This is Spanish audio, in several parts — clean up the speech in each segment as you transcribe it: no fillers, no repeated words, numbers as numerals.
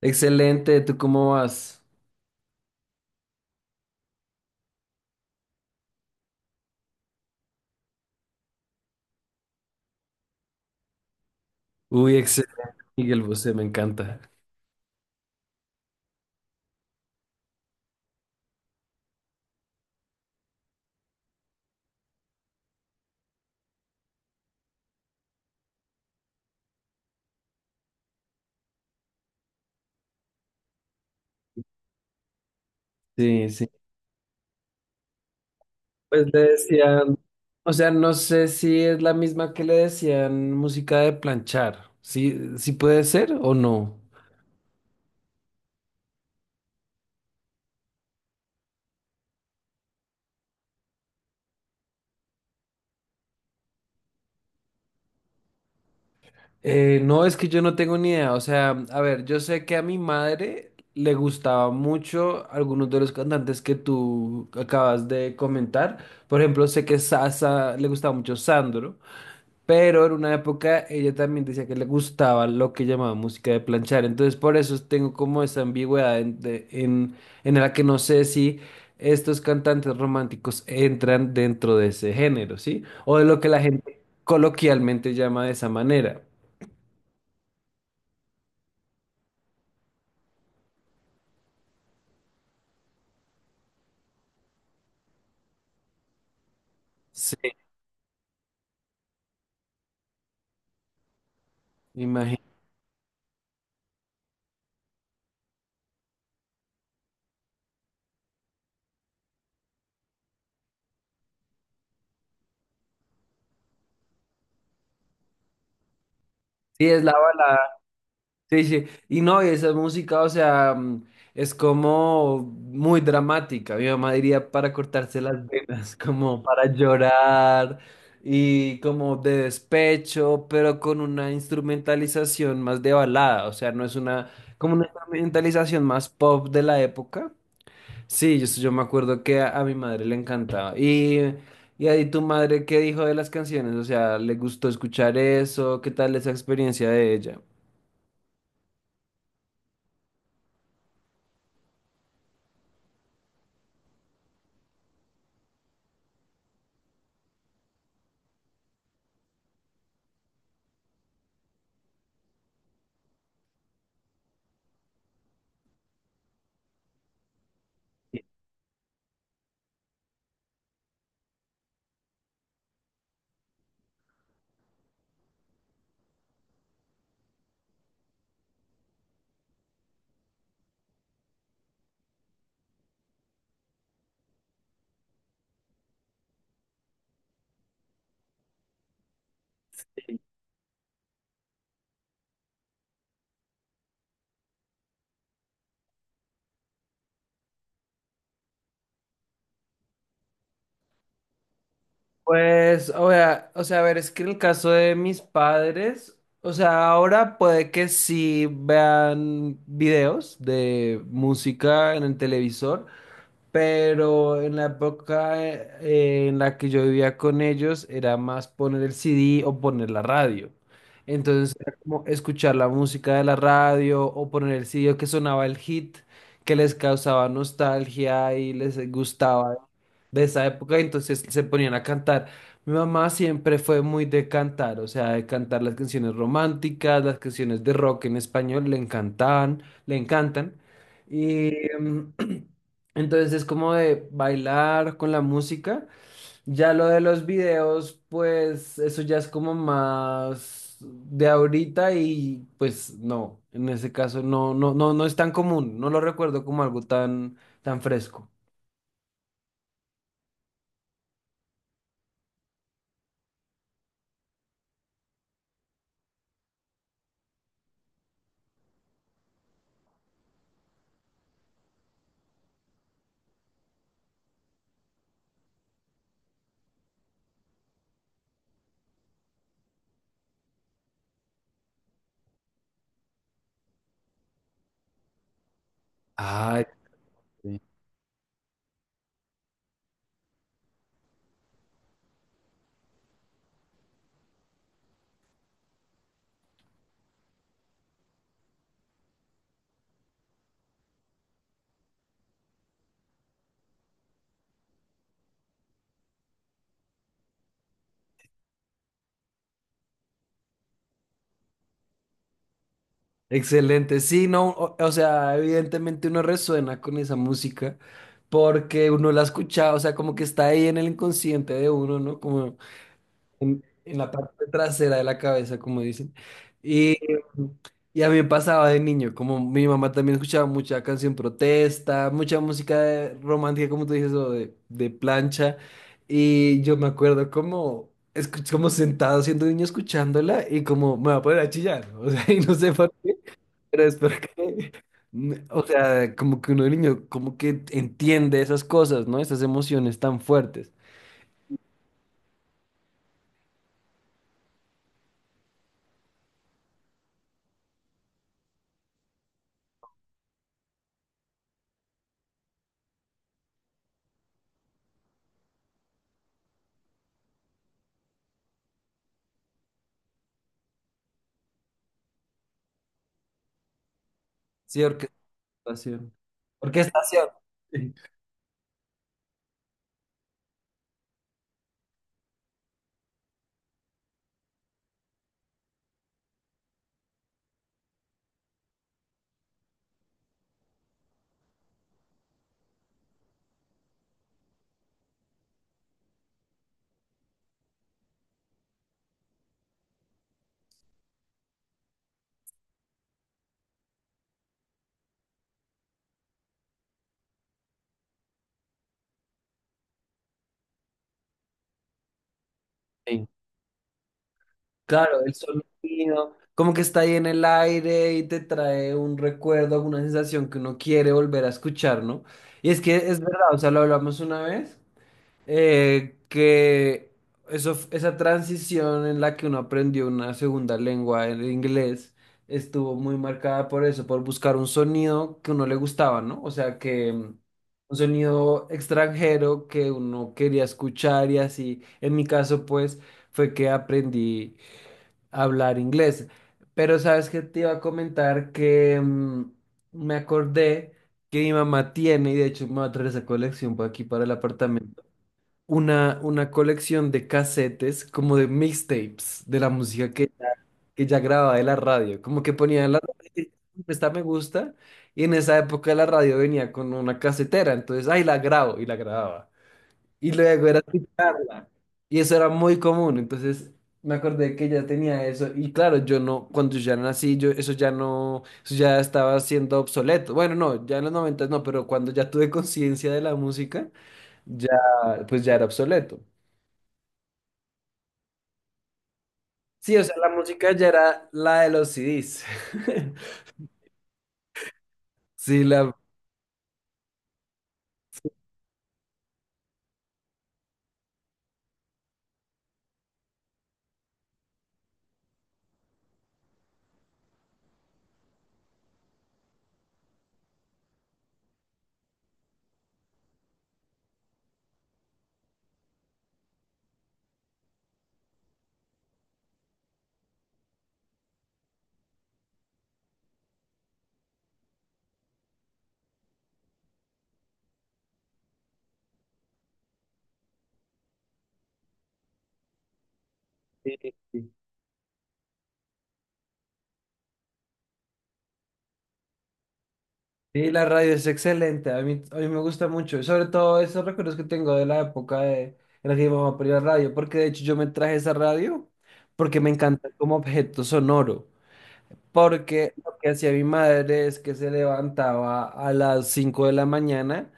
Excelente, ¿tú cómo vas? Uy, excelente, Miguel Bosé, me encanta. Sí, sí. Pues le decían, o sea, no sé si es la misma que le decían música de planchar. ¿Sí, sí puede ser o no? No, es que yo no tengo ni idea. O sea, a ver, yo sé que a mi madre le gustaba mucho algunos de los cantantes que tú acabas de comentar. Por ejemplo, sé que Sasa le gustaba mucho Sandro. Pero en una época ella también decía que le gustaba lo que llamaba música de planchar. Entonces por eso tengo como esa ambigüedad en la que no sé si estos cantantes románticos entran dentro de ese género, ¿sí? O de lo que la gente coloquialmente llama de esa manera. Sí, imagino. Sí, es la balada. Sí, sí, y no, y esa música, o sea, es como muy dramática. Mi mamá diría para cortarse las venas, como para llorar y como de despecho, pero con una instrumentalización más de balada, o sea, no es una, como una instrumentalización más pop de la época. Sí, yo me acuerdo que a mi madre le encantaba. Y ahí tu madre, ¿qué dijo de las canciones? O sea, ¿le gustó escuchar eso? ¿Qué tal esa experiencia de ella? Pues, o sea, a ver, es que en el caso de mis padres, o sea, ahora puede que sí vean videos de música en el televisor, pero en la época en la que yo vivía con ellos era más poner el CD o poner la radio. Entonces era como escuchar la música de la radio o poner el CD que sonaba el hit que les causaba nostalgia y les gustaba de esa época, entonces se ponían a cantar. Mi mamá siempre fue muy de cantar, o sea, de cantar las canciones románticas, las canciones de rock en español, le encantaban, le encantan. Y entonces es como de bailar con la música. Ya lo de los videos, pues eso ya es como más de ahorita y pues no, en ese caso no, no es tan común, no lo recuerdo como algo tan, tan fresco. Ah, excelente, sí, no, o sea, evidentemente uno resuena con esa música porque uno la escucha, o sea, como que está ahí en el inconsciente de uno, ¿no? Como en la parte trasera de la cabeza, como dicen. Y, y a mí me pasaba de niño, como mi mamá también escuchaba mucha canción protesta, mucha música de- romántica, como tú dices, o de plancha, y yo me acuerdo como escu como sentado siendo niño escuchándola y como me va a poner a chillar, o sea, y no sé pero es porque, n- o sea, como que uno de niño, como que entiende esas cosas, ¿no? Esas emociones tan fuertes. Sí, orquestación. Orquestación. Sí. Sí. Claro, el sonido, como que está ahí en el aire y te trae un recuerdo, alguna sensación que uno quiere volver a escuchar, ¿no? Y es que es verdad, o sea, lo hablamos una vez. Que eso, f- esa transición en la que uno aprendió una segunda lengua, el inglés, estuvo muy marcada por eso, por buscar un sonido que uno le gustaba, ¿no? O sea, que un sonido extranjero que uno quería escuchar y así. En mi caso, pues, fue que aprendí a hablar inglés. Pero sabes que te iba a comentar que me acordé que mi mamá tiene, y de hecho me va a traer esa colección por aquí para el apartamento una colección de casetes, como de mixtapes, de la música que ya grababa de la radio. Como que ponía en la radio, esta me gusta, y en esa época la radio venía con una casetera, entonces, ay, la grabo, y la grababa. Y luego era escucharla. Y eso era muy común, entonces me acordé que ella tenía eso. Y claro, yo no, cuando yo ya nací, eso ya no, eso ya estaba siendo obsoleto. Bueno, no, ya en los noventas no, pero cuando ya tuve conciencia de la música, ya, pues ya era obsoleto. Sí, o sea, la música ya era la de los CDs. Sí, la, sí, la radio es excelente. A mí me gusta mucho. Y sobre todo esos recuerdos que tengo de la época en la que mi mamá ponía radio. Porque de hecho yo me traje esa radio porque me encanta como objeto sonoro. Porque lo que hacía mi madre es que se levantaba a las 5 de la mañana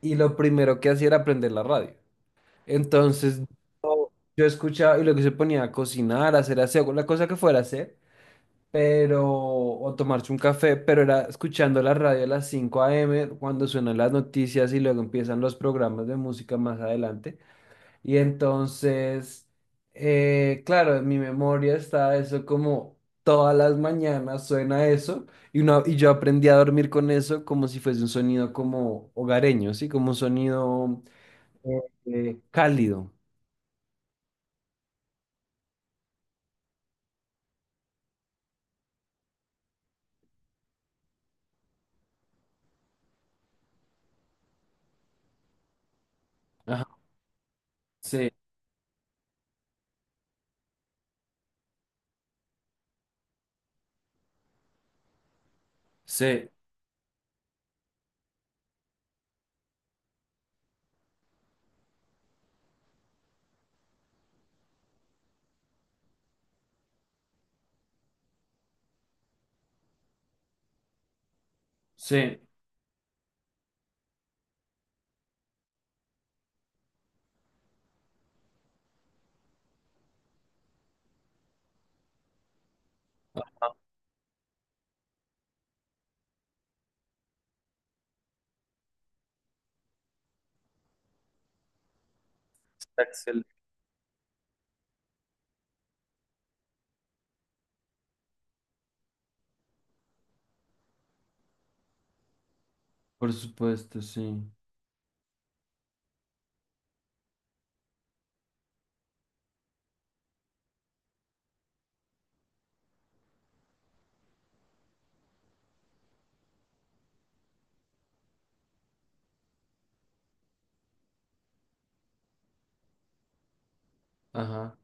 y lo primero que hacía era prender la radio. Entonces yo escuchaba y lo que se ponía a cocinar, a hacer aseo, la cosa que fuera a hacer. Pero, o tomarse un café, pero era escuchando la radio a las 5 a.m. cuando suenan las noticias y luego empiezan los programas de música más adelante. Y entonces, claro, en mi memoria está eso como todas las mañanas suena eso y, y yo aprendí a dormir con eso como si fuese un sonido como hogareño, ¿sí? Como un sonido eh, cálido. Ajá. Sí, sí, sí. Axel. Por supuesto, sí. Ajá.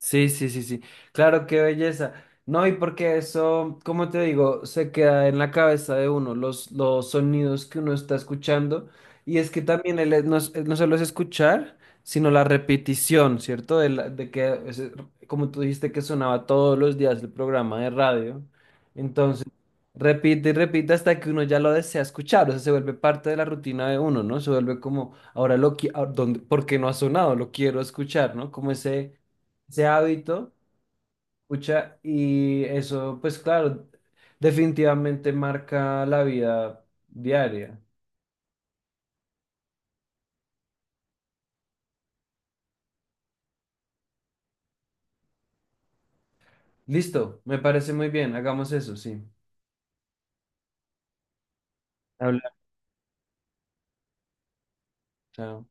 Sí, sí, sí, sí. Claro, qué belleza. No, y porque eso, como te digo, se queda en la cabeza de uno, los sonidos que uno está escuchando. Y es que también el, no, es- no solo es escuchar, sino la repetición, ¿cierto? De, la- de que, ese- Como tú dijiste que sonaba todos los días el programa de radio. Entonces, repite y repite hasta que uno ya lo desea escuchar. O sea, se vuelve parte de la rutina de uno, ¿no? Se vuelve como, ahora lo quiero, ¿por qué no ha sonado? Lo quiero escuchar, ¿no? Como ese hábito, pucha, y eso, pues claro, definitivamente marca la vida diaria. Listo, me parece muy bien, hagamos eso, sí. Hablar. Chao.